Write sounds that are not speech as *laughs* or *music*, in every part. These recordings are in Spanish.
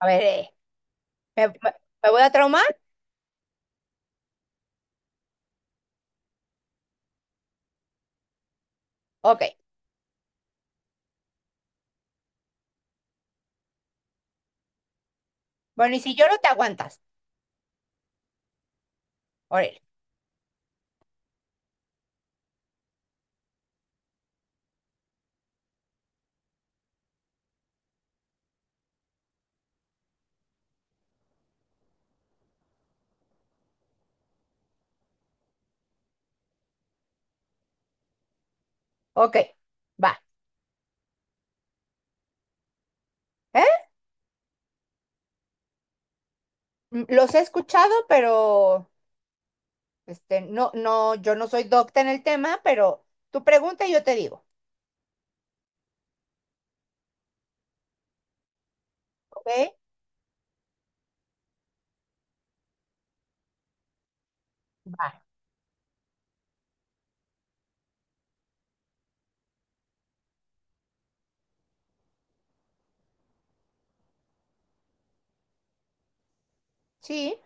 A ver, ¿me, me- me voy a traumar? Ok. Bueno, y si lloro, te aguantas. Órale. Ok, va. ¿Eh? Mm, los he escuchado, pero no, yo no soy docta en el tema, pero tu pregunta y yo te digo. Ok, va. Sí,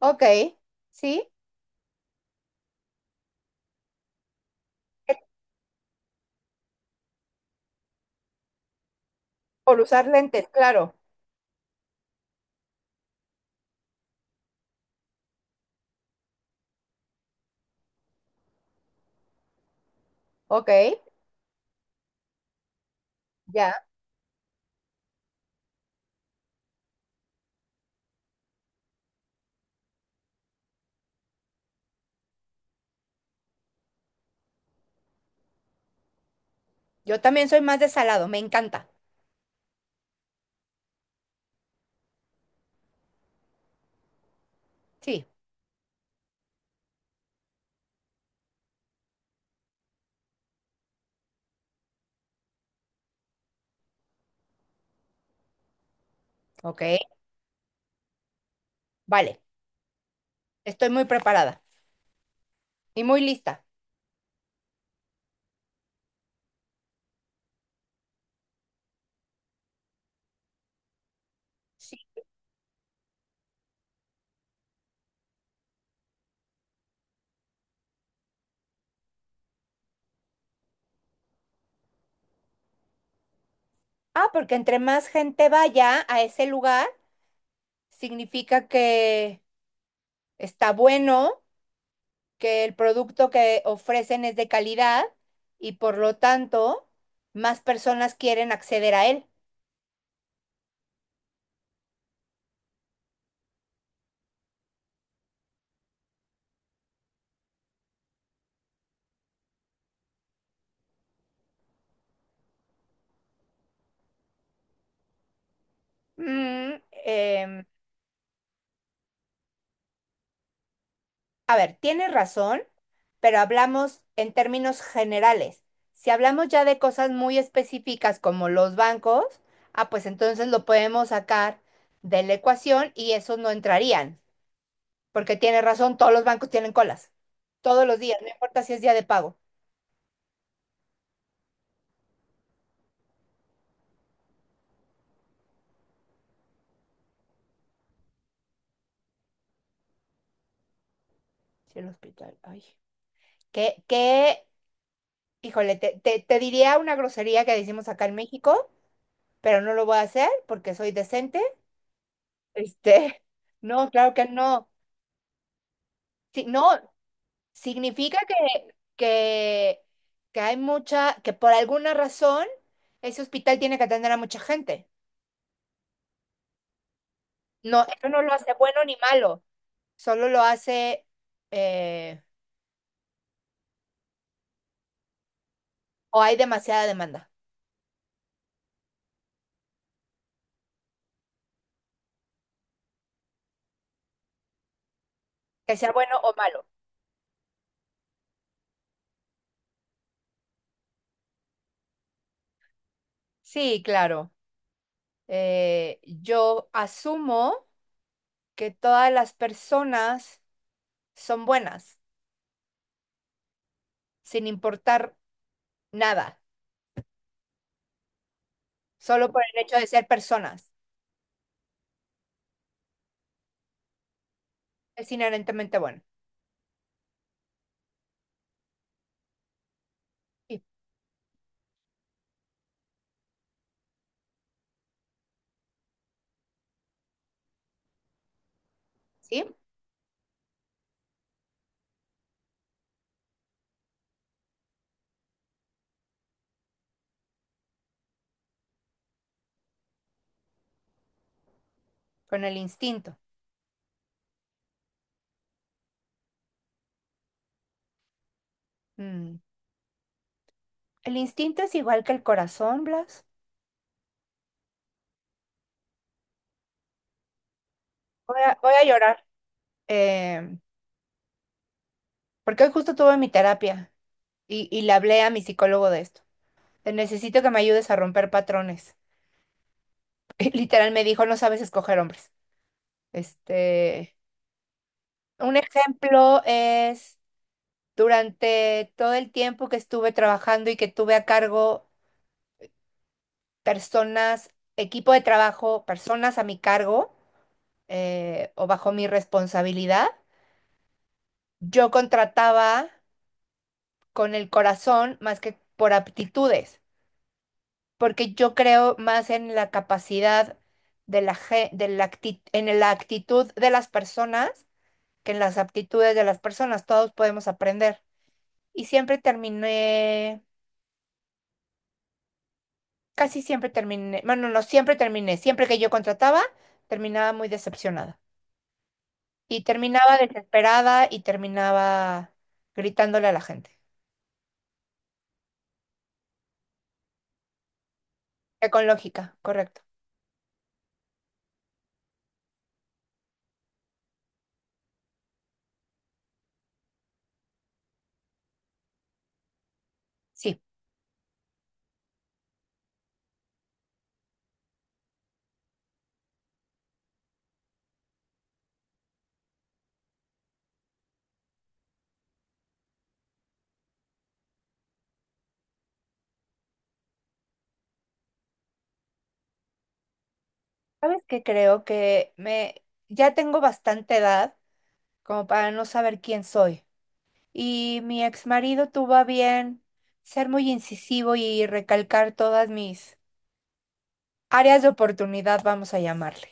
ok, sí. Es Por usar lentes, claro. Ok, ya. Yo también soy más de salado, me encanta. Sí, ok, vale. Estoy muy preparada y muy lista. Sí. Ah, porque entre más gente vaya a ese lugar, significa que está bueno, que el producto que ofrecen es de calidad y por lo tanto más personas quieren acceder a él. Mm, em, a ver, tienes razón, pero hablamos en términos generales. Si hablamos ya de cosas muy específicas como los bancos, ah, pues entonces lo podemos sacar de la ecuación y esos no entrarían, porque tienes razón, todos los bancos tienen colas, todos los días, no importa si es día de pago. Sí, el hospital. Ay. Qué qué híjole, te diría una grosería que decimos acá en México, pero no lo voy a hacer porque soy decente. Este, *laughs* no, claro que no. Sí, no, significa que, que hay mucha, que por alguna razón ese hospital tiene que atender a mucha gente. No, eso no lo hace bueno ni malo, solo lo hace eh, o hay demasiada demanda, que sea bueno o malo. Sí, claro. Yo asumo que todas las personas son buenas, sin importar nada, solo por el hecho de ser personas. Es inherentemente bueno. ¿Sí? ¿Sí? Con el instinto. Mm. El instinto es igual que el corazón, Blas. Voy a llorar, eh, porque hoy justo tuve mi terapia y le hablé a mi psicólogo de esto. Te necesito que me ayudes a romper patrones. *laughs* Literal me dijo, no sabes escoger hombres. Este, Un ejemplo es durante todo el tiempo que estuve trabajando y que tuve a cargo personas, equipo de trabajo, personas a mi cargo, o bajo mi responsabilidad, yo contrataba con el corazón más que por aptitudes, porque yo creo más en la capacidad de la, ge- de la acti- en la actitud de las personas que en las aptitudes de las personas. Todos podemos aprender. Y siempre terminé Casi siempre terminé, bueno, no siempre terminé, siempre que yo contrataba, terminaba muy decepcionada. Y terminaba desesperada y terminaba gritándole a la gente. Con lógica, correcto. Sí. ¿Sabes qué? Creo que me ya tengo bastante edad como para no saber quién soy. Y mi ex marido tuvo a bien ser muy incisivo y recalcar todas mis áreas de oportunidad, vamos a llamarle.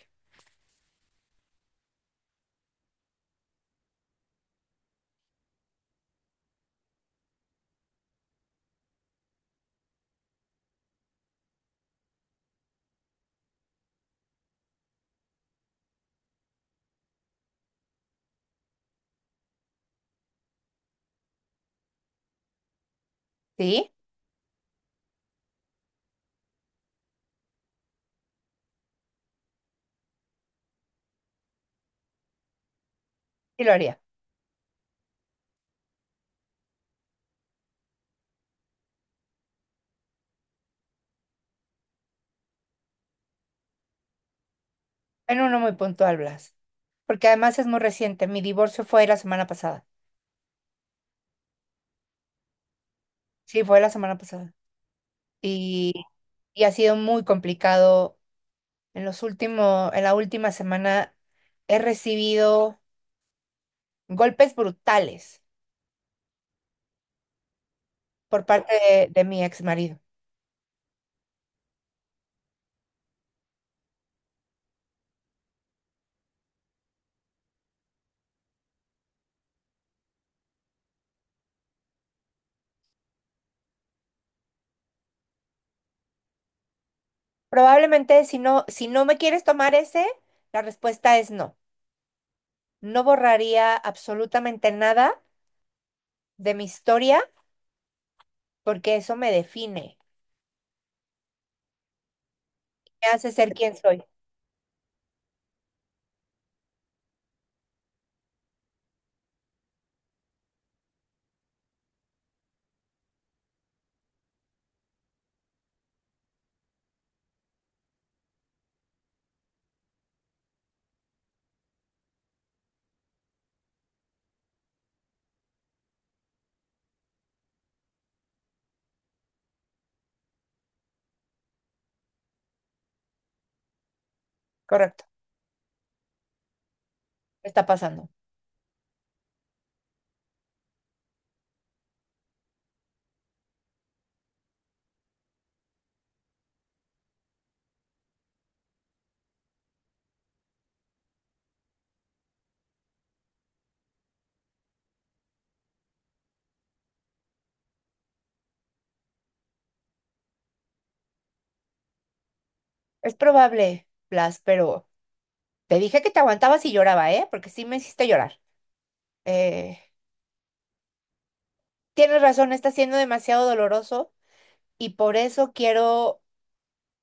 ¿Sí? Sí lo haría. En uno muy puntual, Blas. Porque además es muy reciente. Mi divorcio fue la semana pasada. Sí, fue la semana pasada. Y, y ha sido muy complicado. En los últimos, en la última semana he recibido golpes brutales por parte de mi ex marido. Probablemente si no me quieres tomar ese, la respuesta es no. No borraría absolutamente nada de mi historia porque eso me define. Me hace ser quien soy. Correcto. Me está pasando. Es probable, Blas, pero te dije que te aguantabas y lloraba, ¿eh? Porque sí me hiciste llorar. Eh, tienes razón, está siendo demasiado doloroso y por eso quiero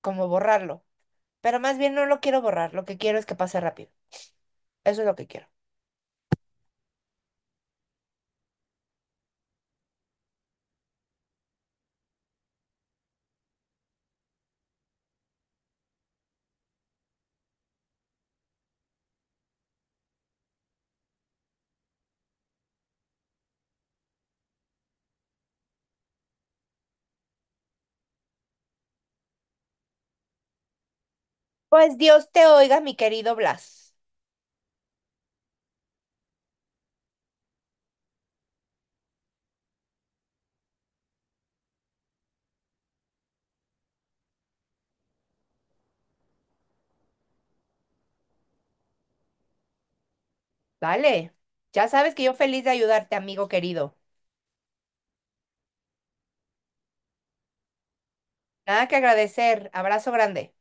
como borrarlo. Pero más bien no lo quiero borrar, lo que quiero es que pase rápido. Eso es lo que quiero. Pues Dios te oiga, mi querido Blas. Dale. Ya sabes que yo feliz de ayudarte, amigo querido. Nada que agradecer. Abrazo grande.